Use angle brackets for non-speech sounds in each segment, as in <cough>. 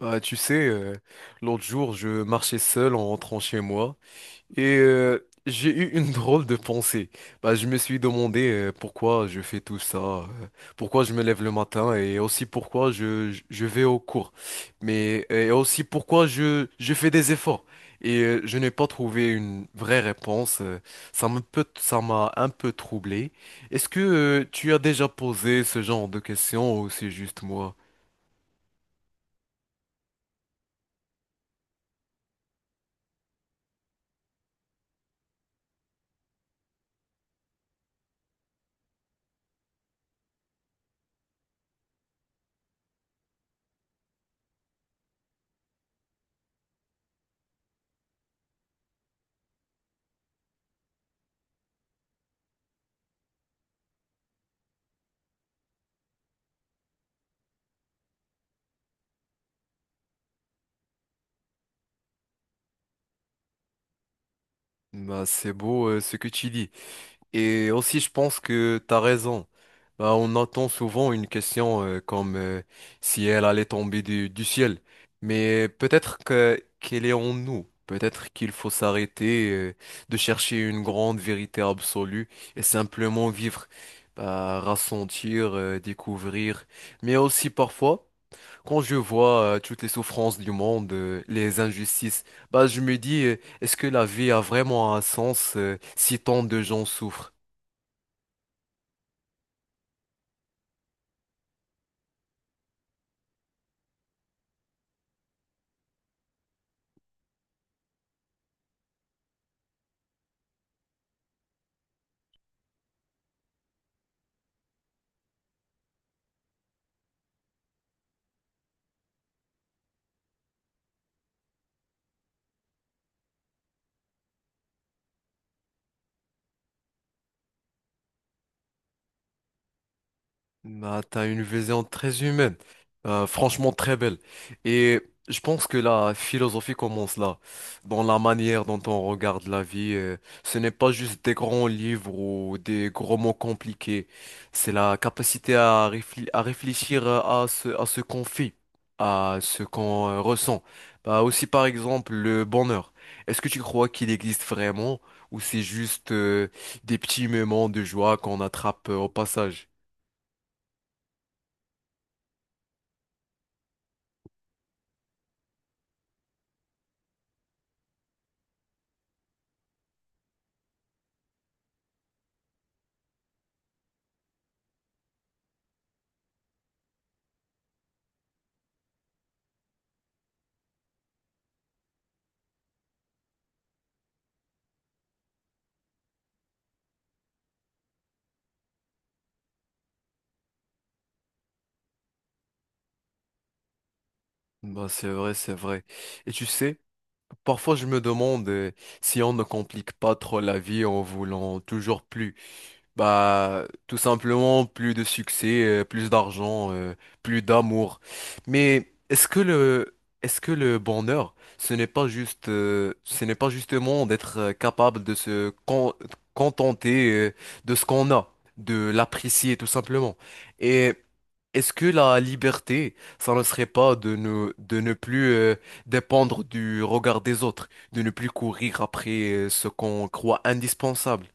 Bah, tu sais, euh, L'autre jour, je marchais seul en rentrant chez moi et j'ai eu une <laughs> drôle de pensée. Je me suis demandé pourquoi je fais tout ça, pourquoi je me lève le matin, et aussi pourquoi je vais au cours. Mais et aussi pourquoi je fais des efforts. Et je n'ai pas trouvé une vraie réponse. Ça ça m'a un peu troublé. Est-ce que tu as déjà posé ce genre de questions, ou c'est juste moi? C'est beau ce que tu dis. Et aussi, je pense que t'as raison. On attend souvent une question comme si elle allait tomber du ciel. Mais peut-être que qu'elle est en nous. Peut-être qu'il faut s'arrêter de chercher une grande vérité absolue et simplement vivre, bah, ressentir, découvrir. Mais aussi parfois, quand je vois toutes les souffrances du monde, les injustices, bah, je me dis, est-ce que la vie a vraiment un sens si tant de gens souffrent? Bah, t'as une vision très humaine, franchement très belle. Et je pense que la philosophie commence là, dans la manière dont on regarde la vie. Ce n'est pas juste des grands livres ou des gros mots compliqués. C'est la capacité à réfléchir, à ce qu'on fait, à ce qu'on ressent. Bah, aussi par exemple le bonheur. Est-ce que tu crois qu'il existe vraiment, ou c'est juste des petits moments de joie qu'on attrape au passage? Bah, c'est vrai, c'est vrai. Et tu sais, parfois je me demande si on ne complique pas trop la vie en voulant toujours plus. Bah, tout simplement, plus de succès, plus d'argent, plus d'amour. Mais est-ce que le bonheur, ce n'est pas justement d'être capable de contenter, de ce qu'on a, de l'apprécier tout simplement. Et est-ce que la liberté, ça ne serait pas de ne, de ne plus dépendre du regard des autres, de ne plus courir après ce qu'on croit indispensable?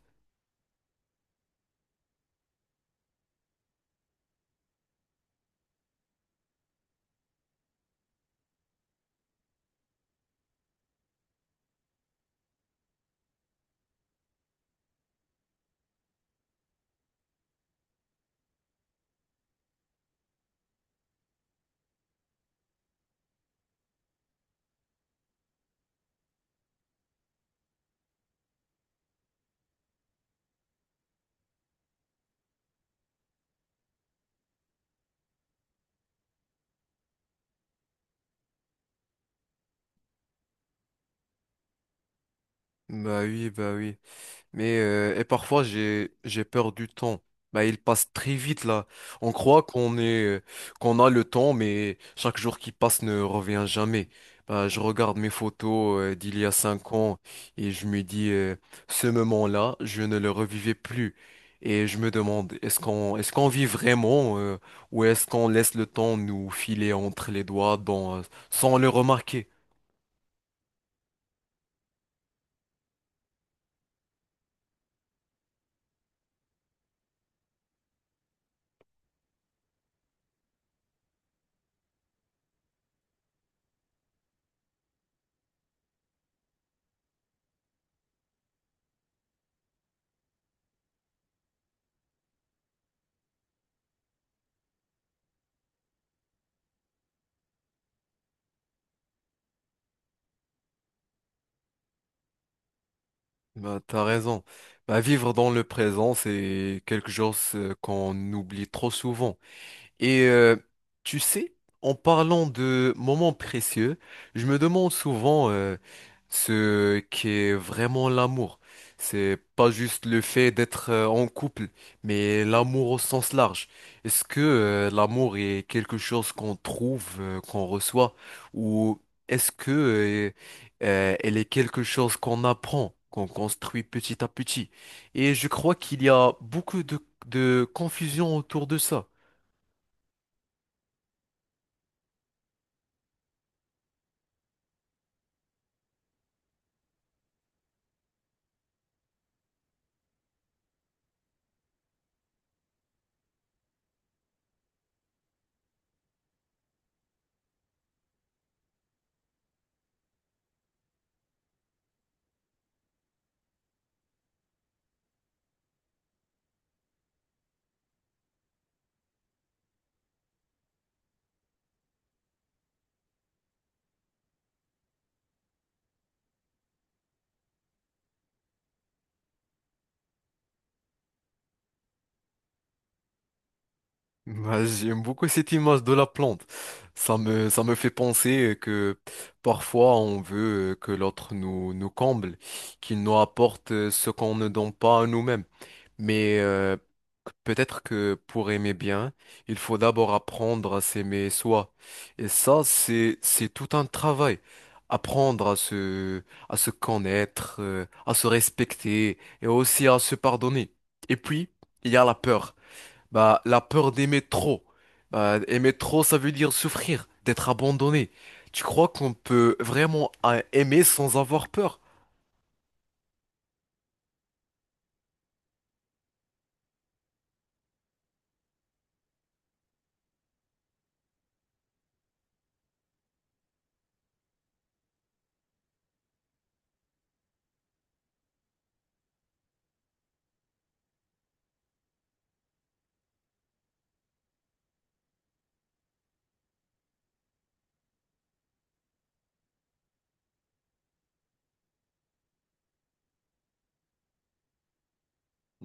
Bah oui, bah oui. Mais parfois j'ai peur du temps. Bah, il passe très vite là. On croit qu'on a le temps, mais chaque jour qui passe ne revient jamais. Bah, je regarde mes photos d'il y a 5 ans et je me dis, ce moment-là, je ne le revivais plus. Et je me demande, est-ce qu'on vit vraiment, ou est-ce qu'on laisse le temps nous filer entre les doigts sans le remarquer? Bah, t'as raison. Bah, vivre dans le présent, c'est quelque chose qu'on oublie trop souvent. Et tu sais, en parlant de moments précieux, je me demande souvent ce qu'est vraiment l'amour. C'est pas juste le fait d'être en couple, mais l'amour au sens large. Est-ce que l'amour est quelque chose qu'on trouve, qu'on reçoit, ou est-ce que elle est quelque chose qu'on apprend, qu'on construit petit à petit? Et je crois qu'il y a beaucoup de confusion autour de ça. Ouais, j'aime beaucoup cette image de la plante. Ça me fait penser que parfois on veut que l'autre nous comble, qu'il nous apporte ce qu'on ne donne pas à nous-mêmes. Mais peut-être que pour aimer bien, il faut d'abord apprendre à s'aimer soi. Et ça, c'est tout un travail. Apprendre à se connaître, à se respecter, et aussi à se pardonner. Et puis, il y a la peur. Bah, la peur d'aimer trop. Bah, aimer trop, ça veut dire souffrir, d'être abandonné. Tu crois qu'on peut vraiment aimer sans avoir peur?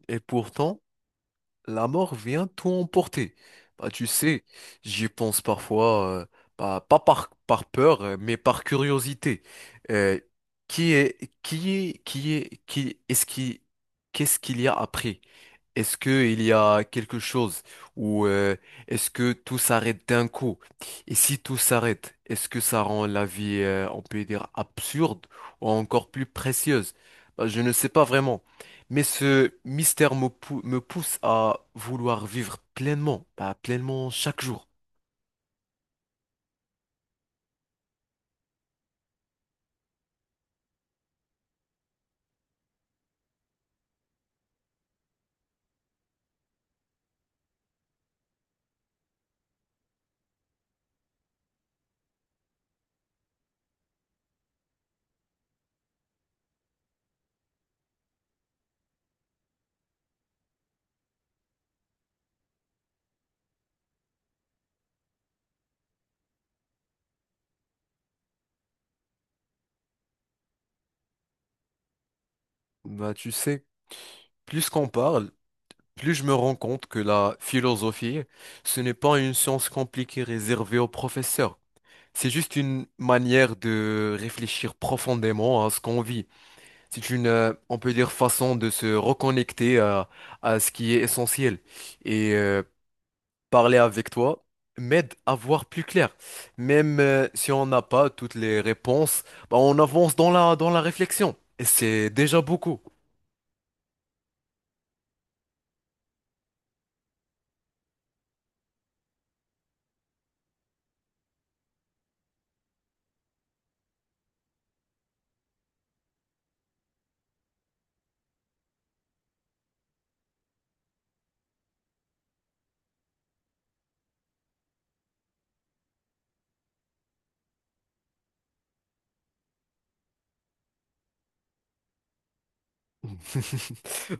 Et pourtant, la mort vient tout emporter. Bah, tu sais, j'y pense parfois, bah, pas par peur, mais par curiosité. Euh, qui est, qui est, qui est, qui est, ce qui, Qu'est-ce qu'il y a après? Est-ce que il y a quelque chose, ou est-ce que tout s'arrête d'un coup? Et si tout s'arrête, est-ce que ça rend la vie, on peut dire, absurde, ou encore plus précieuse? Bah, je ne sais pas vraiment. Mais ce mystère me pousse à vouloir vivre pleinement, bah, pleinement chaque jour. Bah, tu sais, plus qu'on parle, plus je me rends compte que la philosophie, ce n'est pas une science compliquée réservée aux professeurs. C'est juste une manière de réfléchir profondément à ce qu'on vit. C'est une, on peut dire, façon de se reconnecter à ce qui est essentiel. Et parler avec toi m'aide à voir plus clair. Même si on n'a pas toutes les réponses, bah, on avance dans dans la réflexion. Et c'est déjà beaucoup. <laughs>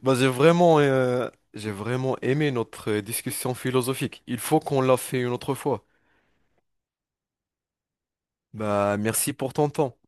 Bah, j'ai vraiment aimé notre discussion philosophique. Il faut qu'on la fait une autre fois. Bah, merci pour ton temps.